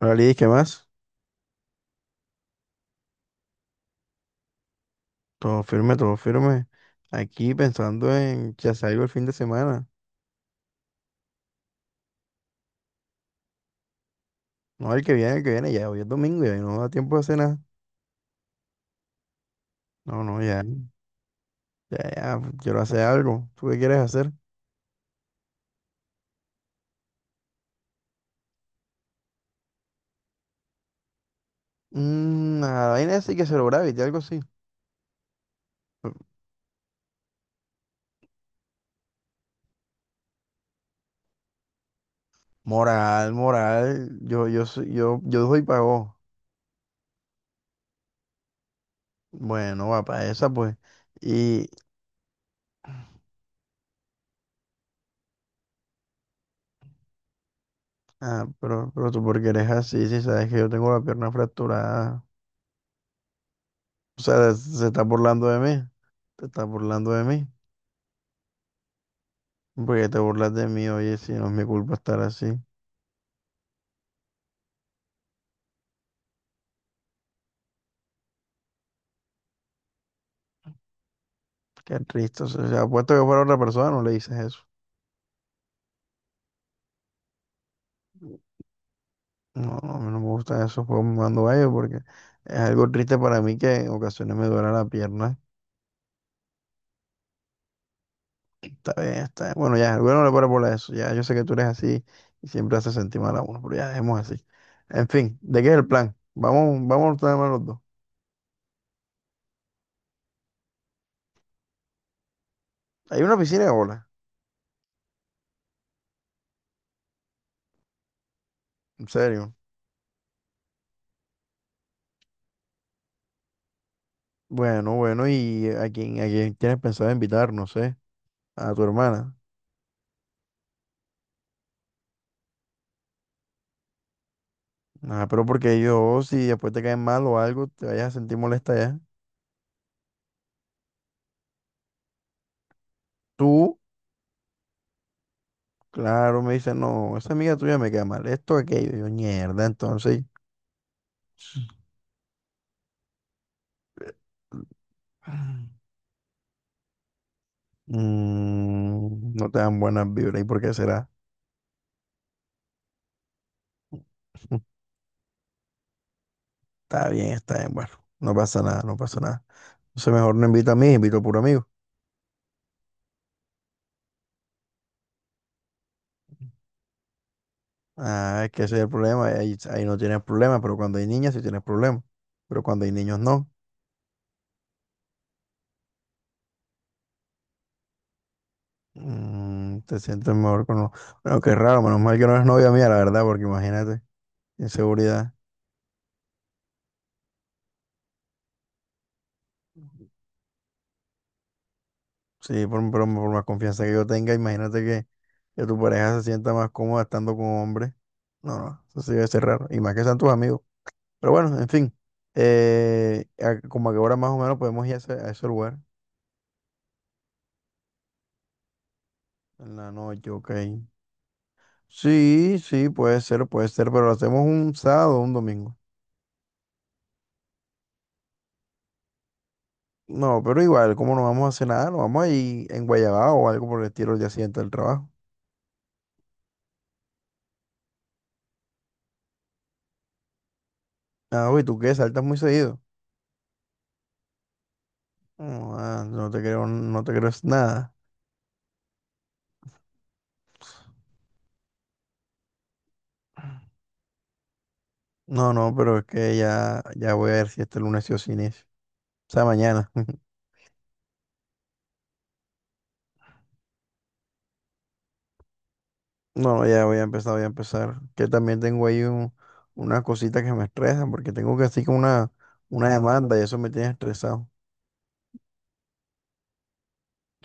Hola, ¿qué más? Todo firme, todo firme. Aquí pensando en que salgo el fin de semana. No, el que viene, ya hoy es domingo ya y no da tiempo de hacer nada. No, no, ya, ya, ya, quiero hacer algo. ¿Tú qué quieres hacer? Mmm, la vaina esa hay que celebrar, y algo así. Moral, moral, yo doy pago. Bueno, va para esa, pues. Y, ah, pero tú porque eres así, si sabes que yo tengo la pierna fracturada. O sea, se está burlando de mí. Te está burlando de mí. Porque te burlas de mí, oye, si no es mi culpa estar así. Qué triste. O sea, si apuesto que fuera otra persona, no le dices eso. No, no, a mí no me gustan esos juegos cuando vaya porque es algo triste para mí que en ocasiones me duela la pierna. Está bien, está bien. Bueno, ya, bueno, no le paro por eso. Ya, yo sé que tú eres así y siempre haces sentir mal a uno, pero ya dejemos así. En fin, ¿de qué es el plan? Vamos, vamos a estar mal los dos. Hay una piscina de bola, en serio. Bueno, bueno, ¿y a quién tienes pensado invitar? No sé, a tu hermana. Ah, pero porque yo, si después te caen mal o algo, te vayas a sentir molesta ya. Tú, claro, me dices, no, esa amiga tuya me cae mal, esto, aquello. Yo, mierda, entonces. No te dan buenas vibras. ¿Y por qué será? Está bien, bueno. No pasa nada, no pasa nada. Entonces mejor no invita a mí, invito a puro amigo. Ah, es que ese es el problema. Ahí, ahí no tienes problema, pero cuando hay niñas sí tienes problema. Pero cuando hay niños no. Mm, te sientes mejor con... Bueno, qué raro, menos mal que no es novia mía, la verdad, porque imagínate, inseguridad. Sí, por más confianza que yo tenga, imagínate que tu pareja se sienta más cómoda estando con hombres. No, no, eso sí debe ser raro. Y más que sean tus amigos. Pero bueno, en fin. Como a qué hora más o menos podemos ir a ese lugar. En la noche, ok. Sí, sí, puede ser, pero lo hacemos un sábado o un domingo. No, pero igual, como no vamos a hacer nada, nos vamos a ir en Guayabao o algo por el estilo el día siguiente del trabajo. Ah, uy, ¿tú qué? ¿Saltas muy seguido? No, ah, no te creo, no te creo nada. No, no, pero es que ya, ya voy a ver si este lunes sí o sí inicio. O sea, mañana. No, ya voy a empezar, voy a empezar. Que también tengo ahí unas cositas que me estresan, porque tengo que así como una demanda y eso me tiene estresado.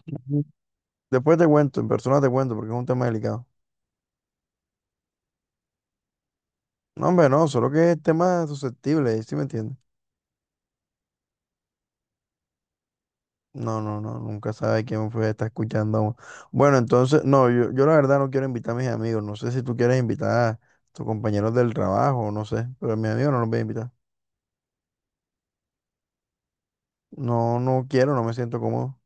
Ujú. Después te cuento, en persona te cuento, porque es un tema delicado. No, hombre, no, solo que es tema susceptible, ¿sí me entiendes? No, no, no, nunca sabe quién fue, está escuchando. Aún. Bueno, entonces, no, yo la verdad no quiero invitar a mis amigos. No sé si tú quieres invitar a tus compañeros del trabajo, no sé, pero a mis amigos no los voy a invitar. No, no quiero, no me siento cómodo.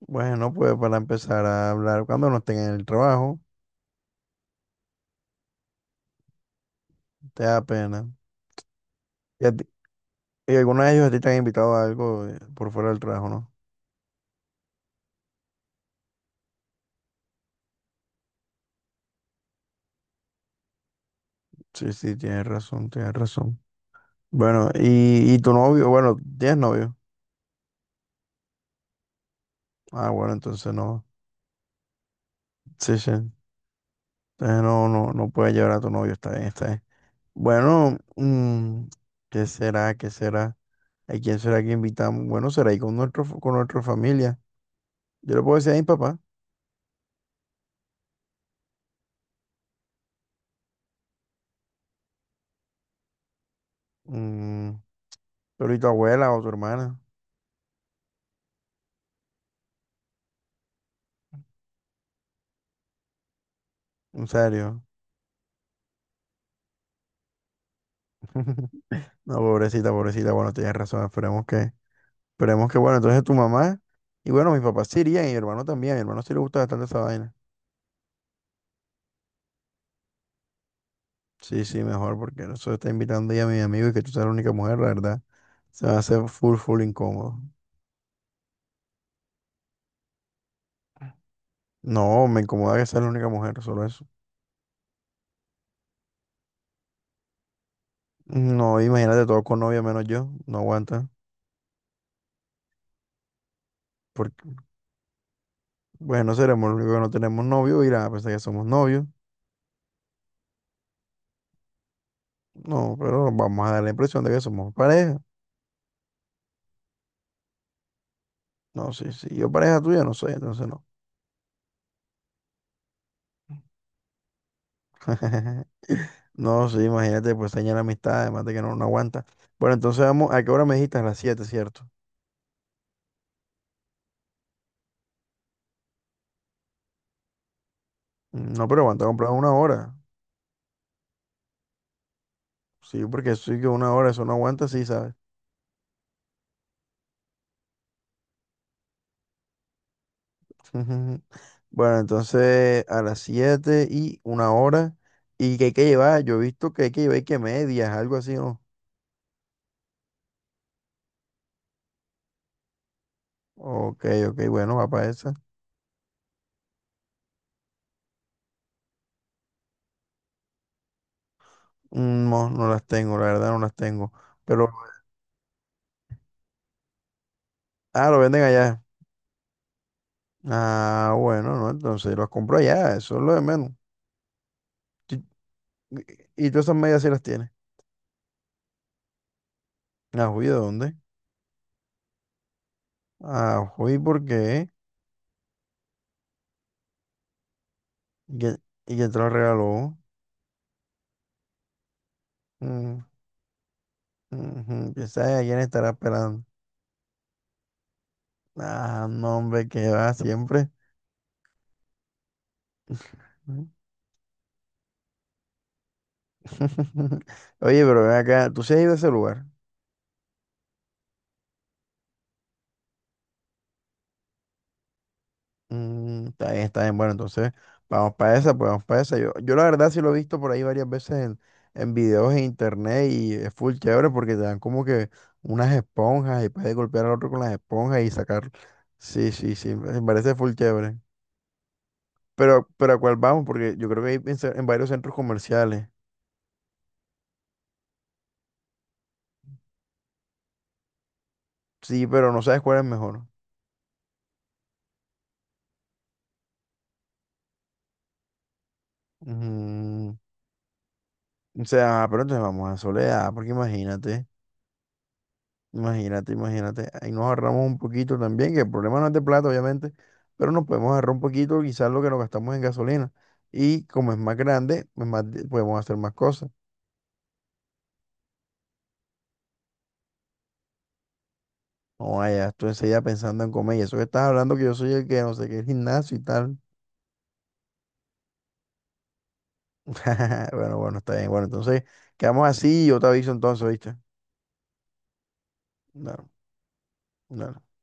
Bueno, pues para empezar a hablar, cuando no estén en el trabajo, te da pena. ¿Y, y alguno de ellos a ti te han invitado a algo por fuera del trabajo, no? Sí, sí, tienes razón, tienes razón. Bueno, y tu novio, bueno, ¿tienes novio? Ah, bueno, entonces no. Sí, sí. Ah, no, no, no puedes llevar a tu novio, está bien, está bien. Bueno, mm, ¿qué será? ¿Qué será? ¿A quién será que invitamos? Bueno, será ahí con nuestro, con nuestra familia. Yo le puedo decir a mi papá, mm, pero ¿y tu abuela o tu hermana? En serio. No, pobrecita, pobrecita, bueno, tienes razón, esperemos que, bueno, entonces tu mamá, y bueno, mis papás sí irían, y mi hermano también, a mi hermano sí le gusta bastante esa vaina. Sí, sí, mejor, porque eso está invitando ya a mi amigo y que tú seas la única mujer, la verdad, se va a hacer full, full incómodo. No, me incomoda que sea la única mujer, solo eso. No, imagínate todo con novia menos yo, no aguanta. Porque, bueno, seremos los únicos que no tenemos novio, irán a pensar que somos novios. No, pero vamos a dar la impresión de que somos pareja. No, sí, sí, yo pareja tuya no soy, entonces no. No, sí, imagínate, pues daña la amistad, además de que no, no aguanta. Bueno, entonces vamos, ¿a qué hora me dijiste? A las 7, ¿cierto? Mm, no, pero aguanta comprar una hora. Sí, porque sí que una hora, eso no aguanta, sí, ¿sabes? Ujú. Bueno, entonces a las 7 y una hora. ¿Y que hay que llevar? Yo he visto que hay que llevar y que medias, algo así, ¿no? Ok, ok, bueno, va para esa. Mm, no, no las tengo, la verdad no las tengo. Pero, ah, lo venden allá. Ah, bueno, no, entonces los compro allá, eso es lo de menos. Y, y todas esas medias sí las tienes. Ah, juy, ¿de dónde? Ah, juy, ¿por qué? ¿Y quién te las regaló? Mm, ujú, ¿quién sabe a quién estará esperando? Ah, no, hombre, que va siempre. Oye, pero ven acá, tú sí has ido a ese lugar. Mm, está bien, está bien. Bueno, entonces, vamos para esa, pues vamos para esa. Yo la verdad sí lo he visto por ahí varias veces en videos en internet y es full chévere porque te dan como que unas esponjas y puedes golpear al otro con las esponjas y sacar. Sí, sí, sí, me parece full chévere. Pero ¿a cuál vamos? Porque yo creo que hay en varios centros comerciales. Sí, pero no sabes cuál es mejor. Mm, o sea, pero entonces vamos a Soledad, porque imagínate, imagínate, imagínate. Ahí nos ahorramos un poquito también, que el problema no es de plata, obviamente, pero nos podemos ahorrar un poquito quizás lo que nos gastamos en gasolina. Y como es más grande, pues podemos hacer más cosas. No vaya, tú enseguida pensando en comer. Y eso que estás hablando que yo soy el que no sé qué, el gimnasio y tal. Bueno, bueno, está bien. Bueno, entonces quedamos así y yo te aviso entonces, ¿viste? Claro, claro.